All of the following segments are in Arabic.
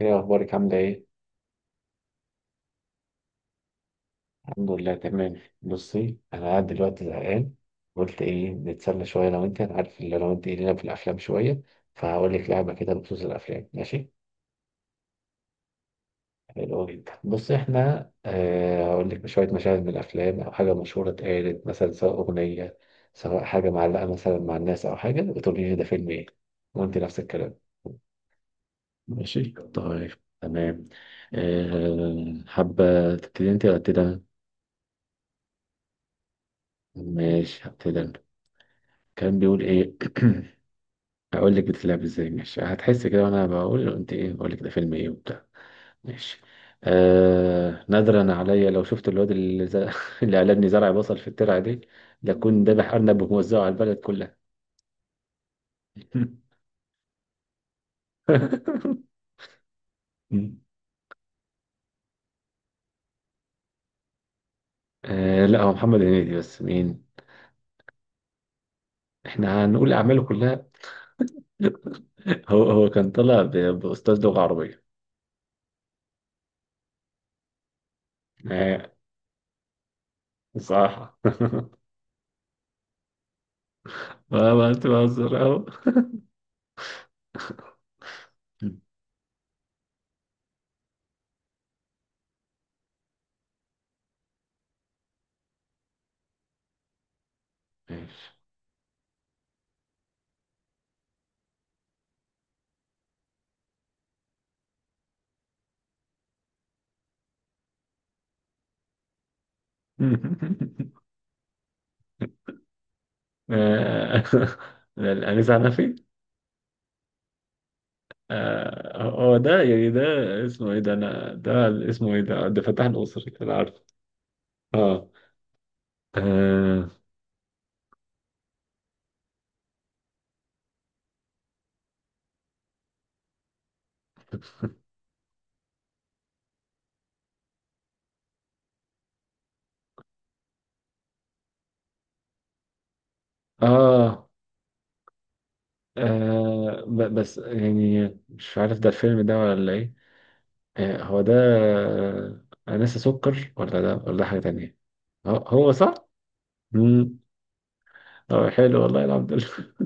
ايه اخبارك؟ عامله ايه؟ الحمد لله تمام. بصي، انا قاعد دلوقتي زهقان. قلت ايه نتسلى شويه؟ لو انت، انا عارف اللي، لو انت ايه لنا في الافلام شويه، فهقول لك لعبه كده بخصوص الافلام، ماشي؟ حلو جدا. بصي، احنا هقول لك شويه مشاهد من الافلام او حاجه مشهوره اتقالت، مثلا سواء اغنيه، سواء حاجه معلقه مثلا مع الناس او حاجه، وتقولي لي ده فيلم ايه، وانت نفس الكلام. ماشي طيب، تمام. حابه تبتدي انت ولا ابتدي أنا؟ ماشي هبتدي أنا. كان بيقول ايه؟ هقول لك بتتلعب ازاي. ماشي، هتحس كده وانا بقول قلت ايه، بقول لك ده فيلم ايه وبتاع. ماشي. نادرا عليا لو شفت الواد اللي قلبني زرع بصل في الترعه دي، لكون ذابح ارنب وموزعه على البلد كلها. آه، لا هو محمد هنيدي، بس مين؟ احنا هنقول اعماله كلها. هو كان طالع باستاذ لغه عربيه. آه، صح. ما تهزر اهو. ماشي. آه، الأنيس عنفي. هو ده، يعني ده اسمه ايه ده؟ انا ده اسمه ايه ده؟ ده فتح الأسري، انا عارفه. اه. اه. اه، بس يعني مش عارف ده الفيلم ده ولا ايه. هو ده، أنسة سكر، ولا ده، ولا ده حاجة تانية؟ هو صح؟ مم. اه حلو، والله الحمد لله.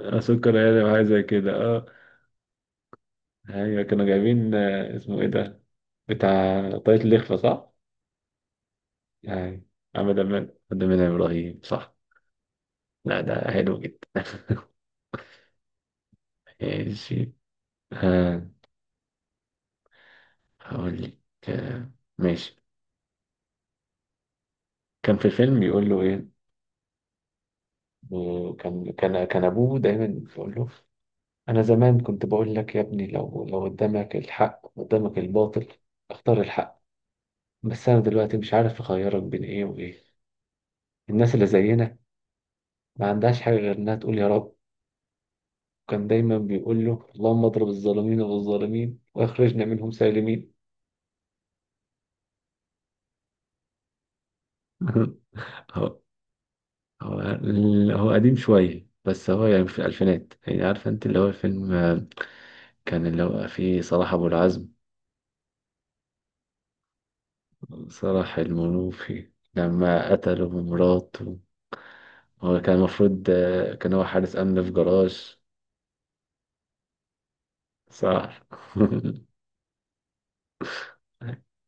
سكر يعني، وحاجة زي كده، اه. ايوه كانوا جايبين، اسمه ايه ده، بتاع طاقية اللخفة صح؟ يعني عمل أمان إبراهيم، صح. لا ده حلو جدا. ماشي. آه، هقول لك. آه، ماشي، كان في فيلم بيقول له إيه؟ كان أبوه دايما بيقول له، أنا زمان كنت بقول لك يا ابني، لو قدامك الحق قدامك الباطل، اختار الحق. بس أنا دلوقتي مش عارف أخيرك بين إيه وإيه. الناس اللي زينا ما عندهاش حاجة غير إنها تقول يا رب. كان دايما بيقول له، اللهم اضرب الظالمين بالظالمين واخرجنا منهم سالمين. هو، هو، هو قديم شوية، بس هو يعني في الألفينات. يعني عارفة أنت اللي هو الفيلم، كان اللي هو فيه صلاح أبو العزم، صلاح المنوفي لما قتلوا مراته. هو كان المفروض، كان هو حارس أمن في جراج، صح.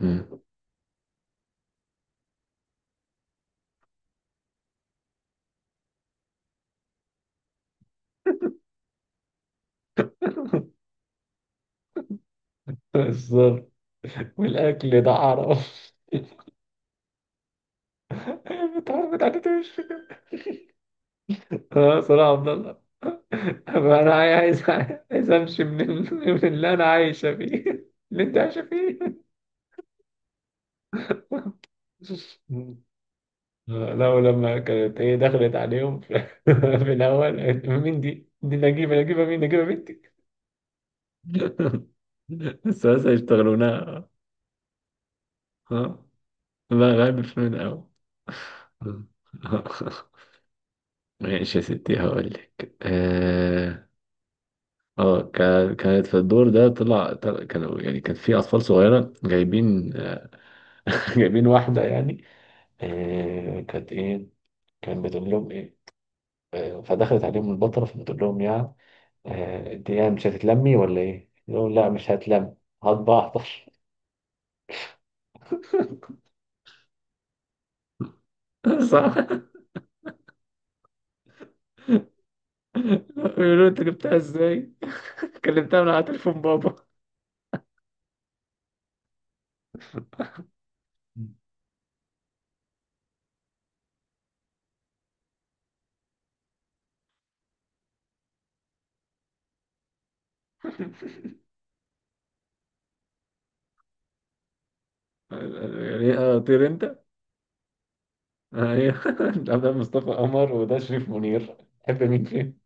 مم. بالظبط، والاكل ده عرف. الحوار بتاعته مش فكره. اه صراحه، عبد الله انا عايز، عايز امشي من من اللي انا عايشه فيه. اللي انت عايشه فيه. مم. لا، ولما كانت هي دخلت عليهم في الاول قالت مين دي؟ دي نجيبه. نجيبه مين؟ نجيبه بنتي. بس يشتغلونها. ها، لا غالب في من الاول. ماشي يا ستي، هقول لك. اه، كانت في الدور ده، كانوا يعني كان في اطفال صغيره جايبين، جايبين واحده يعني، كانت ايه، كان بتقول لهم ايه. فدخلت عليهم البطله فبتقول لهم، يعني انت يعني مش هتتلمي ولا ايه؟ يقولوا لا مش هتلم، هطبع احضر. صح. بيقولوا انت جبتها ازاي؟ كلمتها من على تليفون بابا. يعني ايه طير انت؟ ايه ده، ده مصطفى قمر وده شريف منير، تحب مين فيهم؟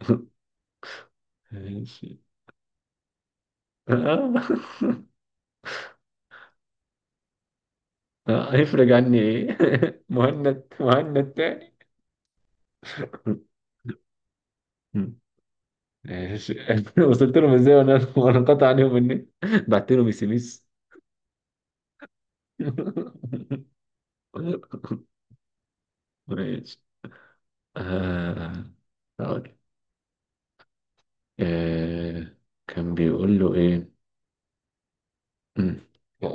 ماشي. آه. هيفرج عني ايه. مهند تاني. ماشي. وصلت لهم ازاي وانا، وانا انقطع عليهم النت؟ بعت لهم اس ام اس. ماشي. آه، هقول، آه، كان بيقول له ايه. مم.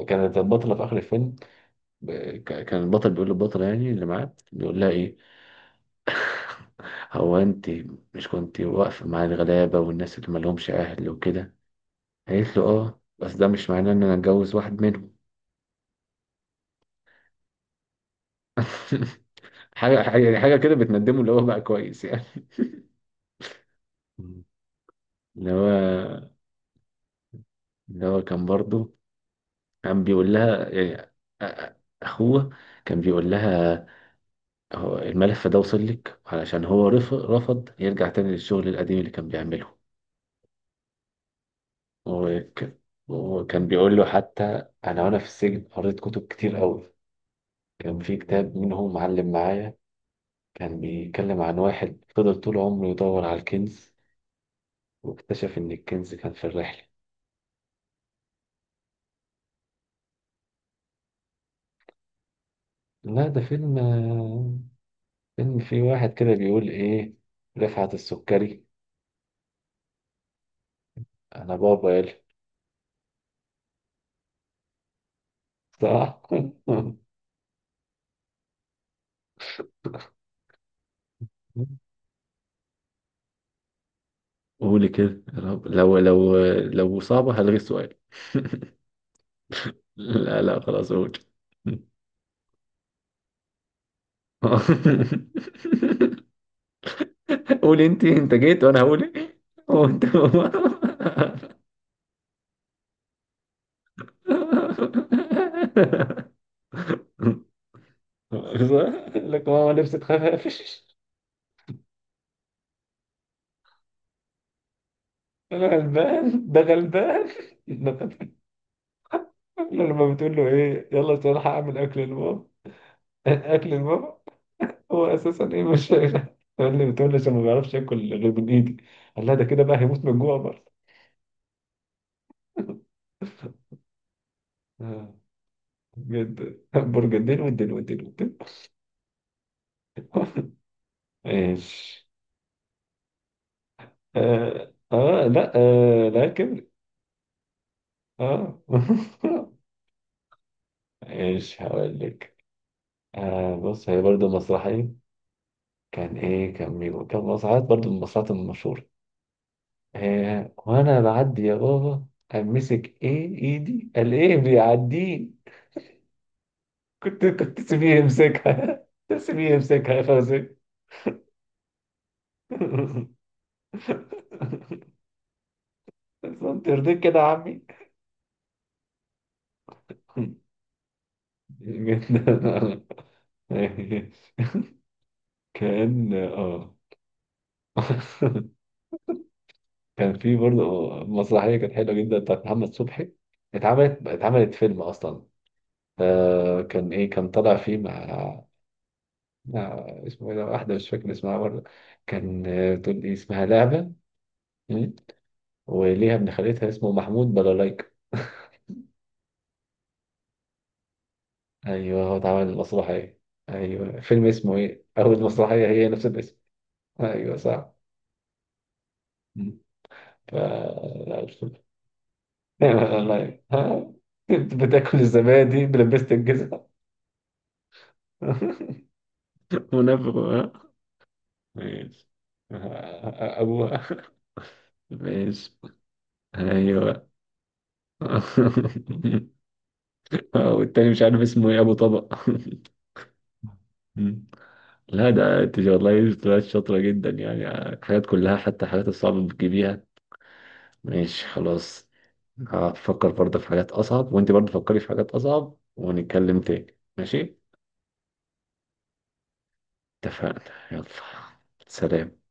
كانت البطلة في آخر الفيلم، كان البطل بيقول للبطلة يعني اللي معاه، بيقول لها ايه. هو انت مش كنت واقفة مع الغلابة والناس اللي مالهمش أهل وكده؟ قالت له اه، بس ده مش معناه ان انا اتجوز واحد منهم. حاجة يعني، حاجة كده بتندمه، اللي هو بقى كويس يعني. مم. اللي هو، اللي هو كان برضه كان بيقول لها، يعني أ- أ- أخوه كان بيقول لها، هو الملف ده وصل لك علشان هو رفض يرجع تاني للشغل القديم اللي كان بيعمله. وك- وكان بيقول له، حتى أنا وأنا في السجن قريت كتب كتير قوي، كان في كتاب منهم معلم معايا، كان بيتكلم عن واحد فضل طول عمره يدور على الكنز، واكتشف إن الكنز كان في الرحلة. لا ده فيلم، فيلم فيه واحد كده بيقول ايه؟ رفعت السكري، انا بابا يلا. صح. قولي كده، يا رب لو صعبة هلغي السؤال. لا لا خلاص قول. قولي انت، انت جيت وانا هقول ايه، هو انت. صح؟ لك ماما لبست خفافش. أنا، غلبان ده غلبان. لما بتقول له ايه، يلا عشان ألحق اعمل اكل لبابا. اكل لبابا؟ هو اساسا ايه مش شايف؟ اللي بتقول لي عشان ما بيعرفش ياكل غير من ايدي. قال لها ده كده بقى هيموت من الجوع برضه. آه. بجد، برجدين، والدين والدين والدين. ايش؟ لا آه، لكن اه. ايش هقول لك. آه بص، هي برضه مسرحية. كان ايه، كان مين، كان مسرحيات برضه، من المسرحيات المشهورة. وانا بعدي يا بابا، امسك ايه ايدي، قال ايه بيعديه. كنت تسيبيه يمسكها، تسيبيه يمسكها يا فوزي. انت يرضيك كده يا عمي؟ جدا. كان اه، كان في برضه مسرحيه كانت حلوه جدا بتاعت محمد صبحي، اتعملت فيلم اصلا. كان ايه كان طالع فيه مع، اسمه ايه ده، واحدة مش فاكر اسمها برضه. كان، بتقول لي اسمها لعبة. مم. وليها ابن خالتها اسمه محمود بلالايكا. ايوه هو اتعمل المسرحية. ايوه، فيلم اسمه ايه، او المسرحية هي نفس الاسم. ايوه صح. مم. ف، لا الفيلم. والله ها؟ كنت بتاكل الزبادي بلبست الجزمة. منافق، ها. ماشي. ابوها. ماشي. ايوه. والتاني مش عارف اسمه ايه، ابو طبق. مم. لا ده، انت والله طلعت شاطرة جدا يعني، الحاجات كلها حتى الحاجات الصعبة بتجيبيها. ماشي خلاص، هفكر برضه في حاجات أصعب، وانت برضه فكري في حاجات أصعب، ونتكلم تاني ماشي. اتفقنا. يلا سلام.